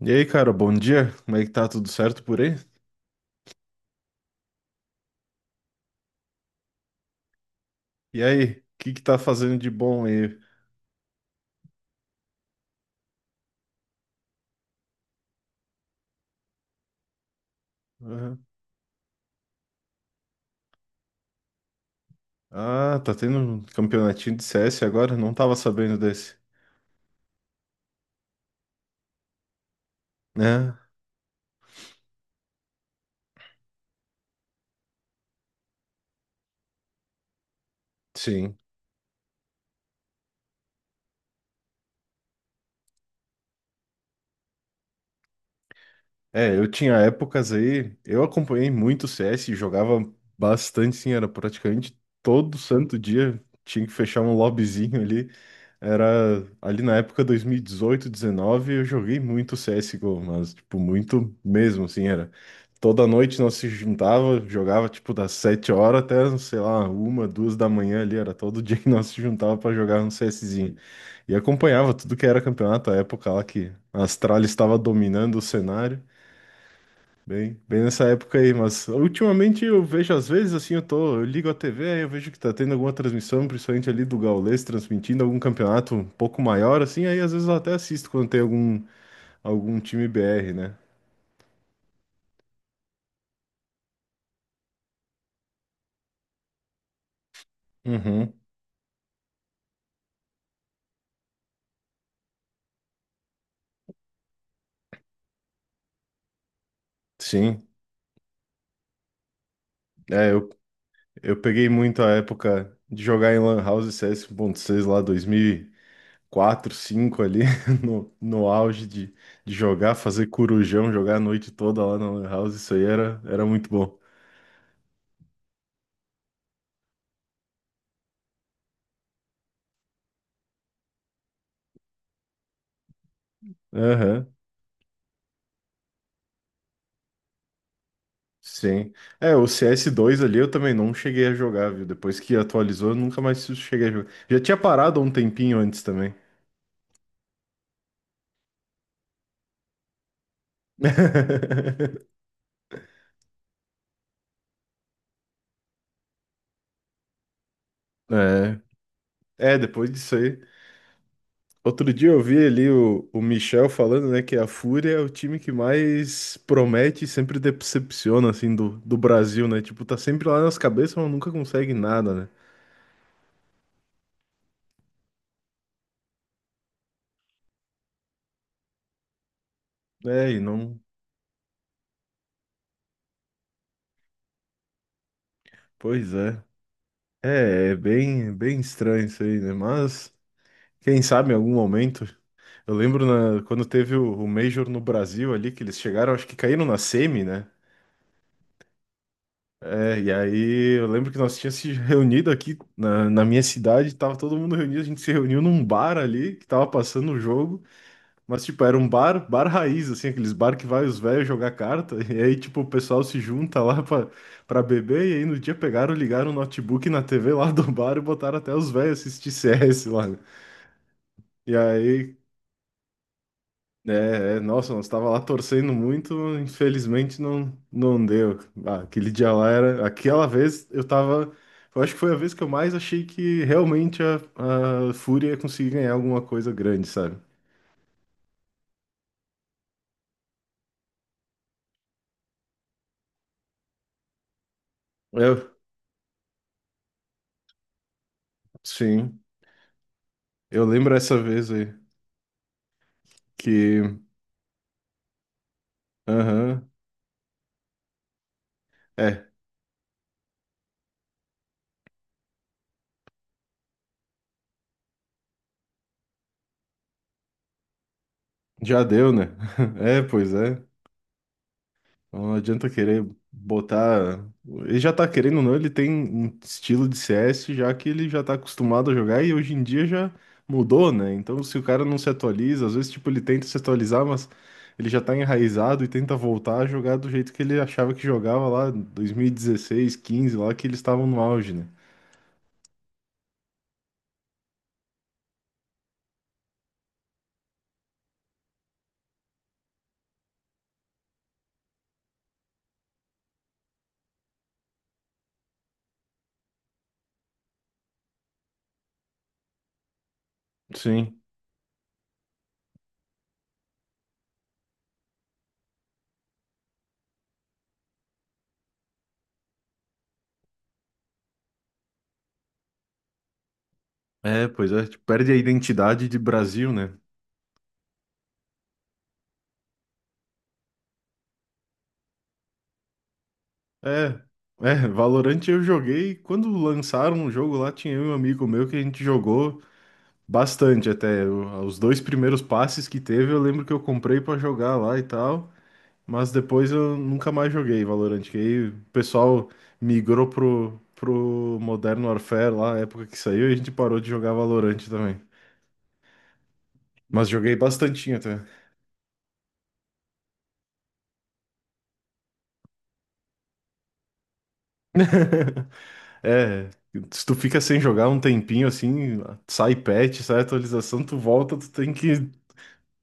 E aí, cara, bom dia. Como é que tá? Tudo certo por aí? E aí, o que que tá fazendo de bom aí? Aham. Ah, tá tendo um campeonatinho de CS agora? Não tava sabendo desse. Né? Sim. É, eu tinha épocas aí, eu acompanhei muito o CS, e jogava bastante, sim, era praticamente todo santo dia. Tinha que fechar um lobbyzinho ali. Era ali na época 2018, 19, eu joguei muito CSGO, mas tipo muito mesmo, assim, era. Toda noite nós se juntava, jogava tipo das 7 horas até, sei lá, uma, duas da manhã ali, era todo dia que nós se juntava para jogar um CSzinho. E acompanhava tudo que era campeonato, a época lá que a Astralis estava dominando o cenário. Bem, bem nessa época aí, mas ultimamente eu vejo, às vezes, assim, eu ligo a TV, aí eu vejo que tá tendo alguma transmissão, principalmente ali do Gaulês, transmitindo algum campeonato um pouco maior, assim, aí às vezes eu até assisto quando tem algum time BR, né? Uhum, sim. É, eu peguei muito a época de jogar em Lan House CS seis lá, 2004, cinco ali, no auge de jogar, fazer corujão, jogar a noite toda lá na Lan House, isso aí era muito bom. Sim. É, o cs dois ali eu também não cheguei a jogar, viu? Depois que atualizou, eu nunca mais cheguei a jogar. Já tinha parado há um tempinho antes também. É. É, depois disso aí. Outro dia eu vi ali o Michel falando, né, que a Fúria é o time que mais promete e sempre decepciona, assim, do Brasil, né? Tipo, tá sempre lá nas cabeças, mas nunca consegue nada, né? É, e não. Pois é. É, é bem, bem estranho isso aí, né? Mas, quem sabe em algum momento. Eu lembro quando teve o Major no Brasil ali, que eles chegaram, acho que caíram na semi, né? É, e aí eu lembro que nós tínhamos se reunido aqui na minha cidade, tava todo mundo reunido, a gente se reuniu num bar ali, que tava passando o jogo, mas tipo, era um bar, bar raiz, assim, aqueles bar que vai os velhos jogar carta, e aí tipo, o pessoal se junta lá pra beber, e aí no dia pegaram, ligaram o notebook na TV lá do bar e botaram até os velhos assistir CS lá. Né? E aí, é, nossa, nós estava lá torcendo muito, infelizmente não, não deu. Ah, aquele dia lá era, aquela vez eu acho que foi a vez que eu mais achei que realmente a Fúria ia conseguir ganhar alguma coisa grande, sabe? Eu, sim, eu lembro essa vez aí que, aham, é, já deu, né? É, pois é. Então, não adianta querer botar. Ele já tá querendo ou não, ele tem um estilo de CS já que ele já tá acostumado a jogar e hoje em dia já mudou, né? Então, se o cara não se atualiza, às vezes, tipo, ele tenta se atualizar, mas ele já tá enraizado e tenta voltar a jogar do jeito que ele achava que jogava lá em 2016 15 lá que eles estavam no auge, né? Sim. É, pois é, tipo, perde a identidade de Brasil, né? É. É, Valorant eu joguei. Quando lançaram o jogo lá, tinha eu e um amigo meu que a gente jogou. Bastante até. Os dois primeiros passes que teve, eu lembro que eu comprei pra jogar lá e tal, mas depois eu nunca mais joguei Valorant, que aí o pessoal migrou pro Modern Warfare lá, na época que saiu, e a gente parou de jogar Valorant também. Mas joguei bastantinho até. É, se tu fica sem jogar um tempinho assim, sai patch, sai atualização, tu volta, tu tem que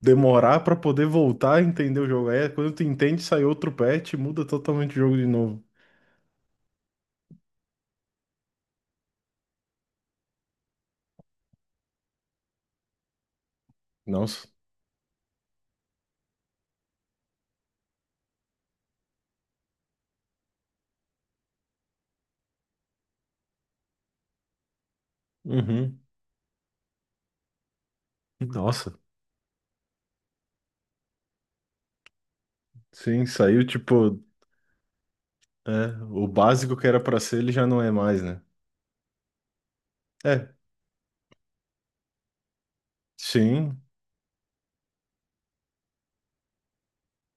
demorar pra poder voltar a entender o jogo. É, quando tu entende, sai outro patch, muda totalmente o jogo de novo. Nossa. Uhum. Nossa. Sim, saiu tipo. É, o básico que era pra ser, ele já não é mais, né? É. Sim.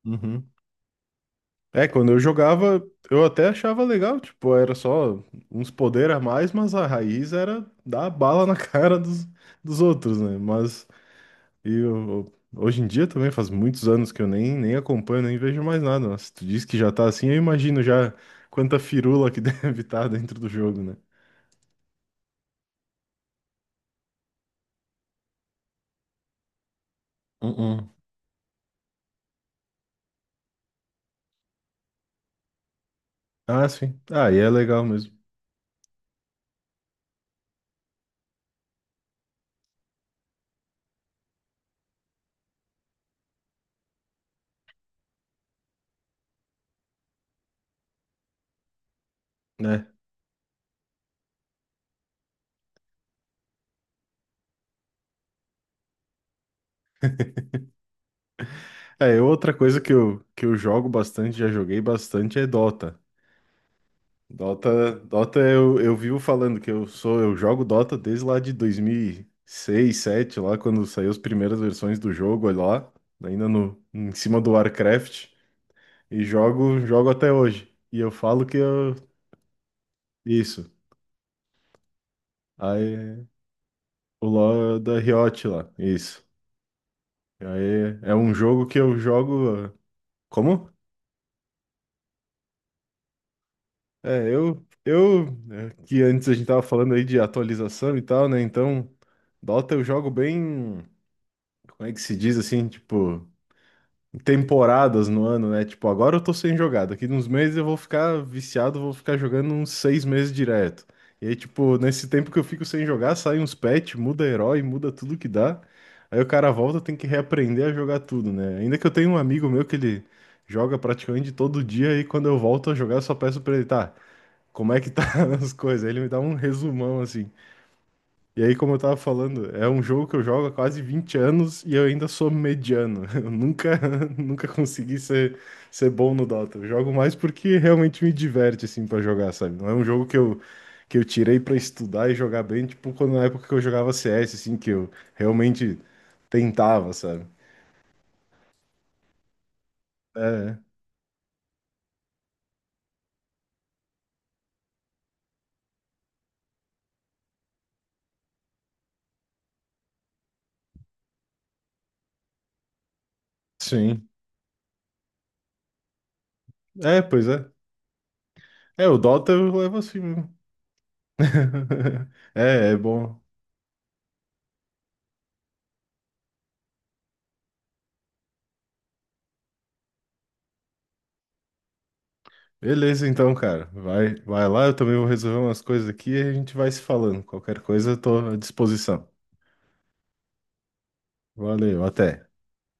Uhum. É, quando eu jogava, eu até achava legal, tipo, era só uns poderes a mais, mas a raiz era dar bala na cara dos outros, né? Mas hoje em dia também faz muitos anos que eu nem acompanho, nem vejo mais nada. Mas se tu diz que já tá assim, eu imagino já quanta firula que deve estar dentro do jogo, né? Ah, sim. Ah, e é legal mesmo, né? É, outra coisa que eu jogo bastante, já joguei bastante, é Dota. Dota eu vivo falando que eu jogo Dota desde lá de 2006, sete, lá quando saiu as primeiras versões do jogo, olha lá, ainda no, em cima do Warcraft, e jogo até hoje. E eu falo que eu, isso. Aí, o LoL é da Riot lá, isso. Aí, é um jogo que eu jogo, ah, como? É, eu, é, que antes a gente tava falando aí de atualização e tal, né? Então, Dota eu jogo bem, como é que se diz assim, tipo, em temporadas no ano, né? Tipo, agora eu tô sem jogar, daqui uns meses eu vou ficar viciado, vou ficar jogando uns 6 meses direto. E aí, tipo, nesse tempo que eu fico sem jogar, sai uns patch, muda herói, muda tudo que dá. Aí o cara volta, tem que reaprender a jogar tudo, né? Ainda que eu tenho um amigo meu que ele joga praticamente todo dia e quando eu volto a jogar, eu só peço pra ele, tá? Como é que tá as coisas. Aí ele me dá um resumão assim. E aí, como eu tava falando, é um jogo que eu jogo há quase 20 anos e eu ainda sou mediano. Eu nunca, nunca consegui ser bom no Dota. Eu jogo mais porque realmente me diverte, assim, pra jogar, sabe? Não é um jogo que eu tirei pra estudar e jogar bem, tipo, quando na época que eu jogava CS, assim, que eu realmente tentava, sabe? É, sim. É, pois é. É, o Dota eu levo assim mesmo. É, é bom. Beleza, então, cara. Vai, vai lá, eu também vou resolver umas coisas aqui e a gente vai se falando. Qualquer coisa, eu tô à disposição. Valeu, até.